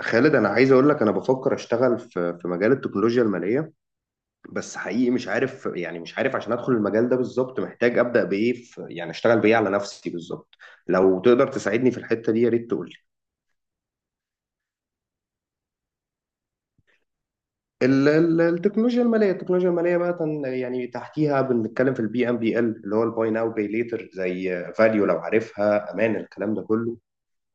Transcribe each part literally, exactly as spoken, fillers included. خالد، انا عايز اقول لك انا بفكر اشتغل في في مجال التكنولوجيا الماليه. بس حقيقي مش عارف، يعني مش عارف عشان ادخل المجال ده بالظبط محتاج ابدا بايه، في يعني اشتغل بايه على نفسي بالظبط. لو تقدر تساعدني في الحته دي يا ريت تقول لي. ال- ال- التكنولوجيا الماليه التكنولوجيا الماليه بقى تن- يعني تحتيها بنتكلم في البي ام بي ال اللي هو الباي ناو باي ليتر زي فاليو لو عارفها امان الكلام ده كله.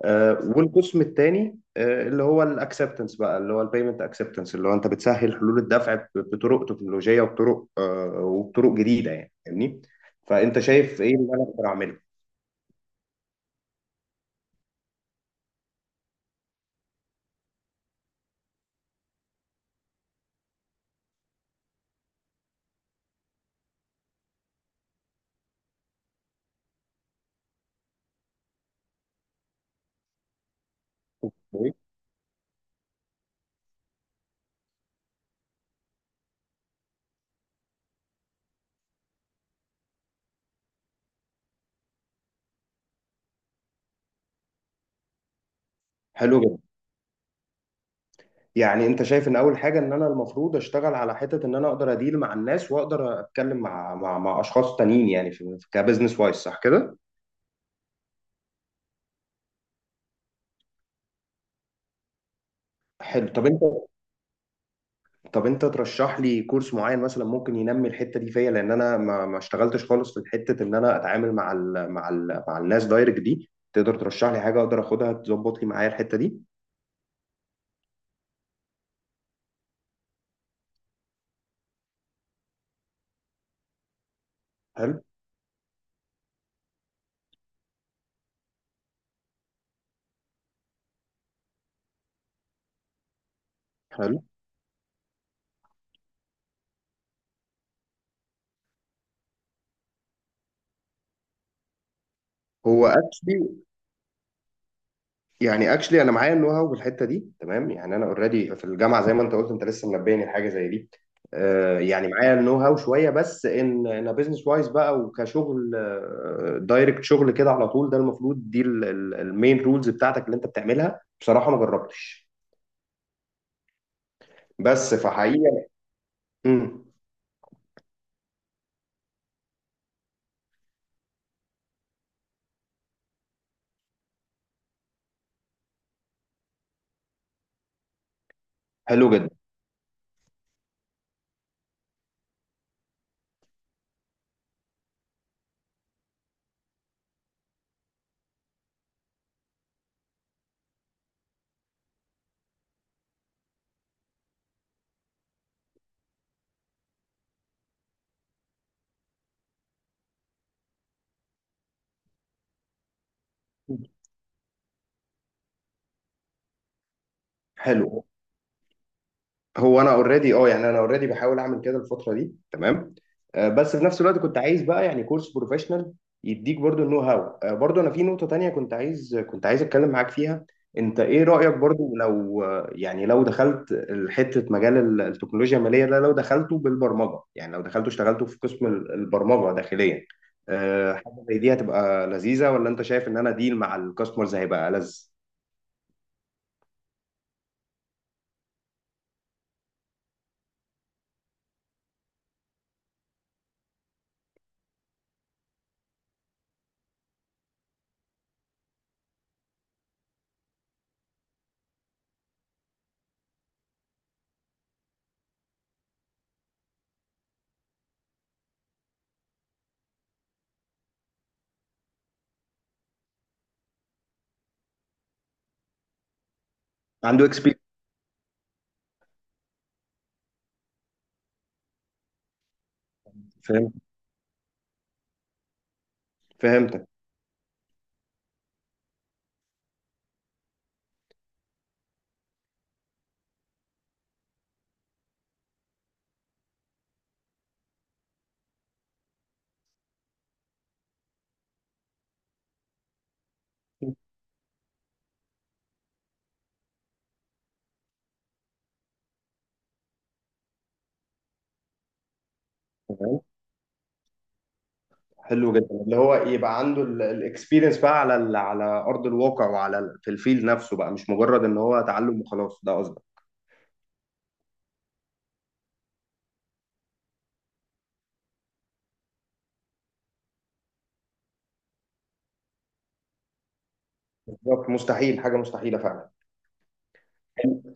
آه، والقسم الثاني اللي هو الاكسبتنس بقى اللي هو البيمنت اكسبتنس اللي هو انت بتسهل حلول الدفع ب- بطرق تكنولوجيه وبطرق آه، وبطرق جديده، يعني فاهمني؟ فانت شايف ايه اللي انا اقدر اعمله؟ أوكي. حلو جدا. يعني انت شايف ان اول حاجه ان انا المفروض اشتغل على حته ان انا اقدر اديل مع الناس واقدر اتكلم مع مع مع اشخاص تانيين، يعني في كبزنس وايز، صح كده؟ حلو. طب انت، طب انت ترشح لي كورس معين مثلا ممكن ينمي الحته دي فيا، لان انا ما ما اشتغلتش خالص في حته ان انا اتعامل مع ال مع ال مع الناس دايركت دي. تقدر ترشح لي حاجه اقدر اخدها تظبط لي معايا الحته دي؟ حلو. حلو. هو اكشلي، يعني اكشلي انا معايا النو هاو بالحته دي، تمام. يعني انا اوريدي في الجامعه زي ما انت قلت، انت لسه منبهني لحاجه زي دي. آه، يعني معايا النو هاو شويه، بس ان انا بزنس وايز بقى وكشغل دايركت، شغل كده على طول، ده المفروض دي المين رولز بتاعتك اللي انت بتعملها. بصراحه ما جربتش، بس فحقيقه. مم، حلو جدا. حلو. هو انا اوريدي اه، يعني انا اوريدي بحاول اعمل كده الفتره دي، تمام. آه، بس في نفس الوقت كنت عايز بقى يعني كورس بروفيشنال يديك برضو النو هاو. آه، برضو انا في نقطه تانية كنت عايز كنت عايز اتكلم معاك فيها. انت ايه رايك برضو لو آه، يعني لو دخلت حته مجال ال- التكنولوجيا الماليه ده، لو دخلته بالبرمجه، يعني لو دخلته اشتغلته في قسم ال- البرمجه داخليا، آه، حاجه زي دي هتبقى لذيذه؟ ولا انت شايف ان انا ديل مع الكاستمرز هيبقى لذ؟ عنده اكسبيرينس. فهمت. فهمتك. حلو جدا. اللي هو يبقى عنده الاكسبيرينس بقى على ال- على ارض الواقع وعلى ال- في الفيل نفسه بقى، مش مجرد ان هو تعلم وخلاص، ده قصدك؟ بالظبط، مستحيل، حاجه مستحيله فعلا.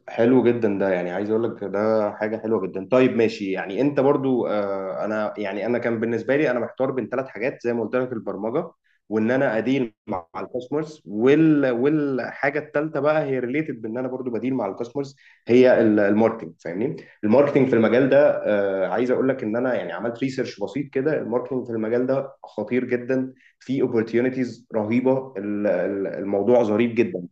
حلو جدا، ده يعني عايز اقول لك ده حاجه حلوه جدا. طيب ماشي، يعني انت برضو آه، انا يعني انا كان بالنسبه لي انا محتار بين ثلاث حاجات زي ما قلت لك، البرمجه وان انا اديل مع الكاستمرز، وال والحاجه الثالثه بقى هي ريليتد بان انا برضو بديل مع الكاستمرز، هي ال- الماركتنج، فاهمني؟ الماركتنج في المجال ده آه، عايز اقول لك ان انا يعني عملت ريسيرش بسيط كده، الماركتنج في المجال ده خطير جدا، في اوبورتيونيتيز رهيبه، ال- ال- الموضوع ظريف جدا.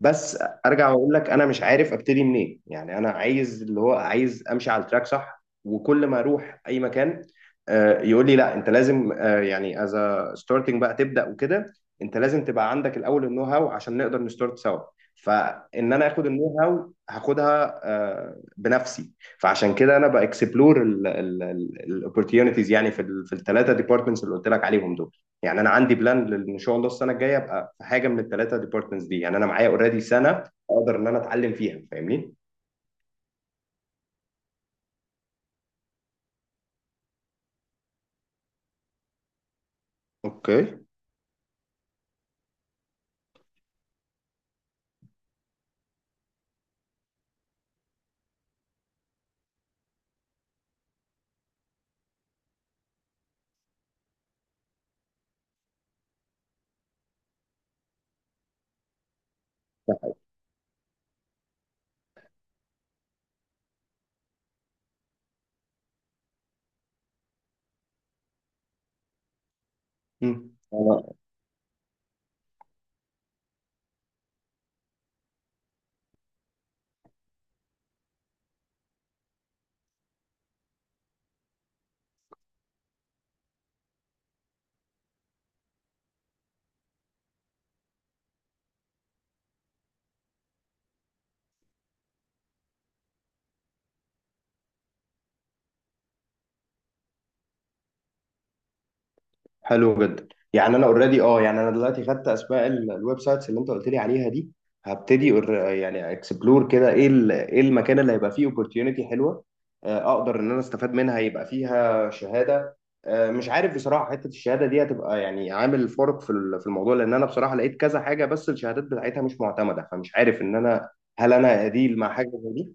بس ارجع واقول لك انا مش عارف ابتدي منين. يعني انا عايز اللي هو عايز امشي على التراك صح، وكل ما اروح اي مكان آه، يقول لي لا انت لازم آه، يعني از ستارتنج بقى تبدا وكده، انت لازم تبقى عندك الاول النو هاو عشان نقدر نستارت سوا. فان انا اخد النو هاو هاخدها آه، بنفسي. فعشان كده انا باكسبلور الاوبورتيونيتيز يعني في ال- في الثلاثه ديبارتمنتس اللي قلت لك عليهم دول. يعني انا عندي بلان لل- ان شاء الله السنه الجايه ابقى في حاجه من الثلاثه ديبارتمنتس دي، يعني انا معايا اوريدي سنه اقدر ان انا اتعلم فيها، فاهمني؟ اوكي. مم. انا حلو جدا. يعني انا اوريدي اه، يعني انا دلوقتي خدت اسماء ال- الويب سايتس اللي انت قلت لي عليها دي. هبتدي أور- يعني اكسبلور كده ايه ال- ايه المكان اللي هيبقى فيه اوبورتيونيتي حلوه، آه، اقدر ان انا استفاد منها، يبقى فيها شهاده. آه، مش عارف بصراحه حته الشهاده دي هتبقى يعني عامل فرق في ال- في الموضوع، لان انا بصراحه لقيت كذا حاجه بس الشهادات بتاعتها مش معتمده، فمش عارف ان انا هل انا اديل مع حاجه زي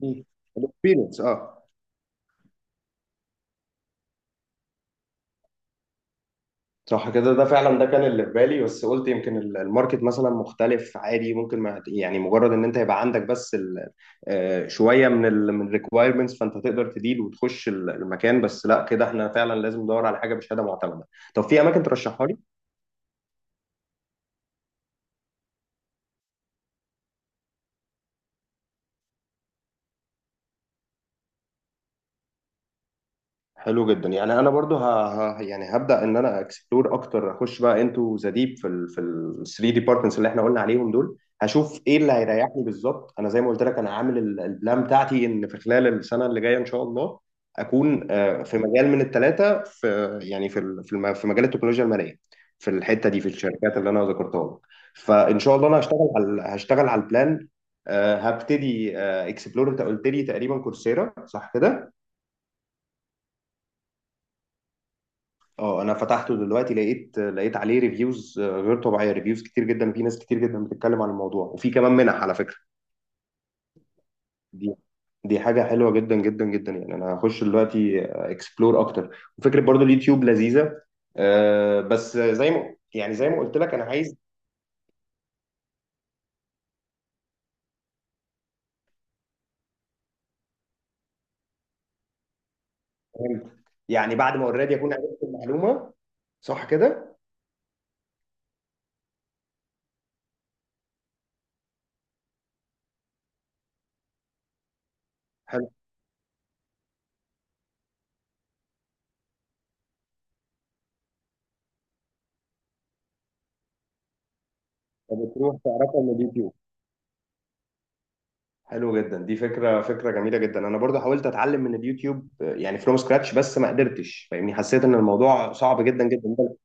دي؟ الاكسبيرينس اه. صح كده، ده فعلا ده كان اللي في بالي. بس قلت يمكن ال- الماركت مثلا مختلف عادي، ممكن ما يعني مجرد ان انت يبقى عندك بس ال- آه، شويه من ال من الريكوايرمنتس فانت تقدر تديل وتخش ال- المكان. بس لا، كده احنا فعلا لازم ندور على حاجه بشهاده معتمده. طب في اماكن ترشحها لي؟ حلو جدا. يعني انا برضو ه... ه... يعني هبدا ان انا اكسبلور اكتر، اخش بقى انتو ذا ديب في ال في ال ثلاثة ديبارتمنتس اللي احنا قلنا عليهم دول، هشوف ايه اللي هيريحني بالظبط. انا زي ما قلت لك انا عامل ال- البلان بتاعتي ان في خلال السنه اللي جايه ان شاء الله اكون آه، في مجال من الثلاثه، في يعني في ال- في الم- في مجال التكنولوجيا الماليه، في الحته دي في الشركات اللي انا ذكرتها لك. فان شاء الله انا هشتغل على هشتغل على البلان. آه، هبتدي اكسبلور. انت قلت لي تقريبا كورسيرا، صح كده؟ اه انا فتحته دلوقتي، لقيت لقيت عليه ريفيوز غير طبيعيه، ريفيوز كتير جدا وفي ناس كتير جدا بتتكلم عن الموضوع، وفي كمان منح على فكره. دي دي حاجه حلوه جدا جدا جدا، يعني انا هخش دلوقتي اكسبلور اكتر. وفكره برضو اليوتيوب لذيذه. آه، بس زي ما يعني زي ما قلت لك انا عايز، يعني بعد ما اوريدي اكون عرفت المعلومه، صح كده؟ حلو. فبتروح تعرفها من اليوتيوب. حلو جدا، دي فكرة فكرة جميلة جدا. انا برضو حاولت اتعلم من اليوتيوب آه، يعني فروم سكراتش بس ما قدرتش، فاهمني؟ حسيت ان الموضوع صعب جدا جدا ده.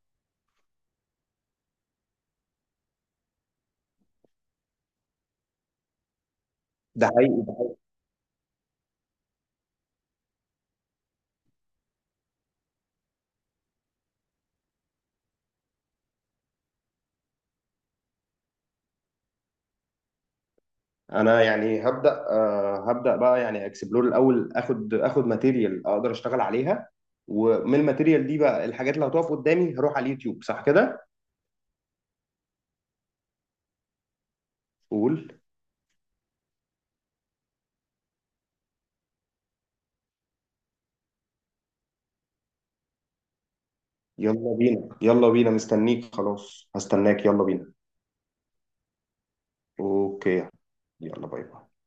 ده حقيقي، ده حقيقي. انا يعني هبدأ آه، هبدأ بقى، يعني اكسبلور الاول، اخد اخد ماتيريال اقدر اشتغل عليها. ومن الماتيريال دي بقى الحاجات اللي هتقف قدامي هروح على اليوتيوب، صح كده؟ قول. يلا بينا يلا بينا، مستنيك خلاص هستناك يلا بينا. اوكي. يلا باي باي.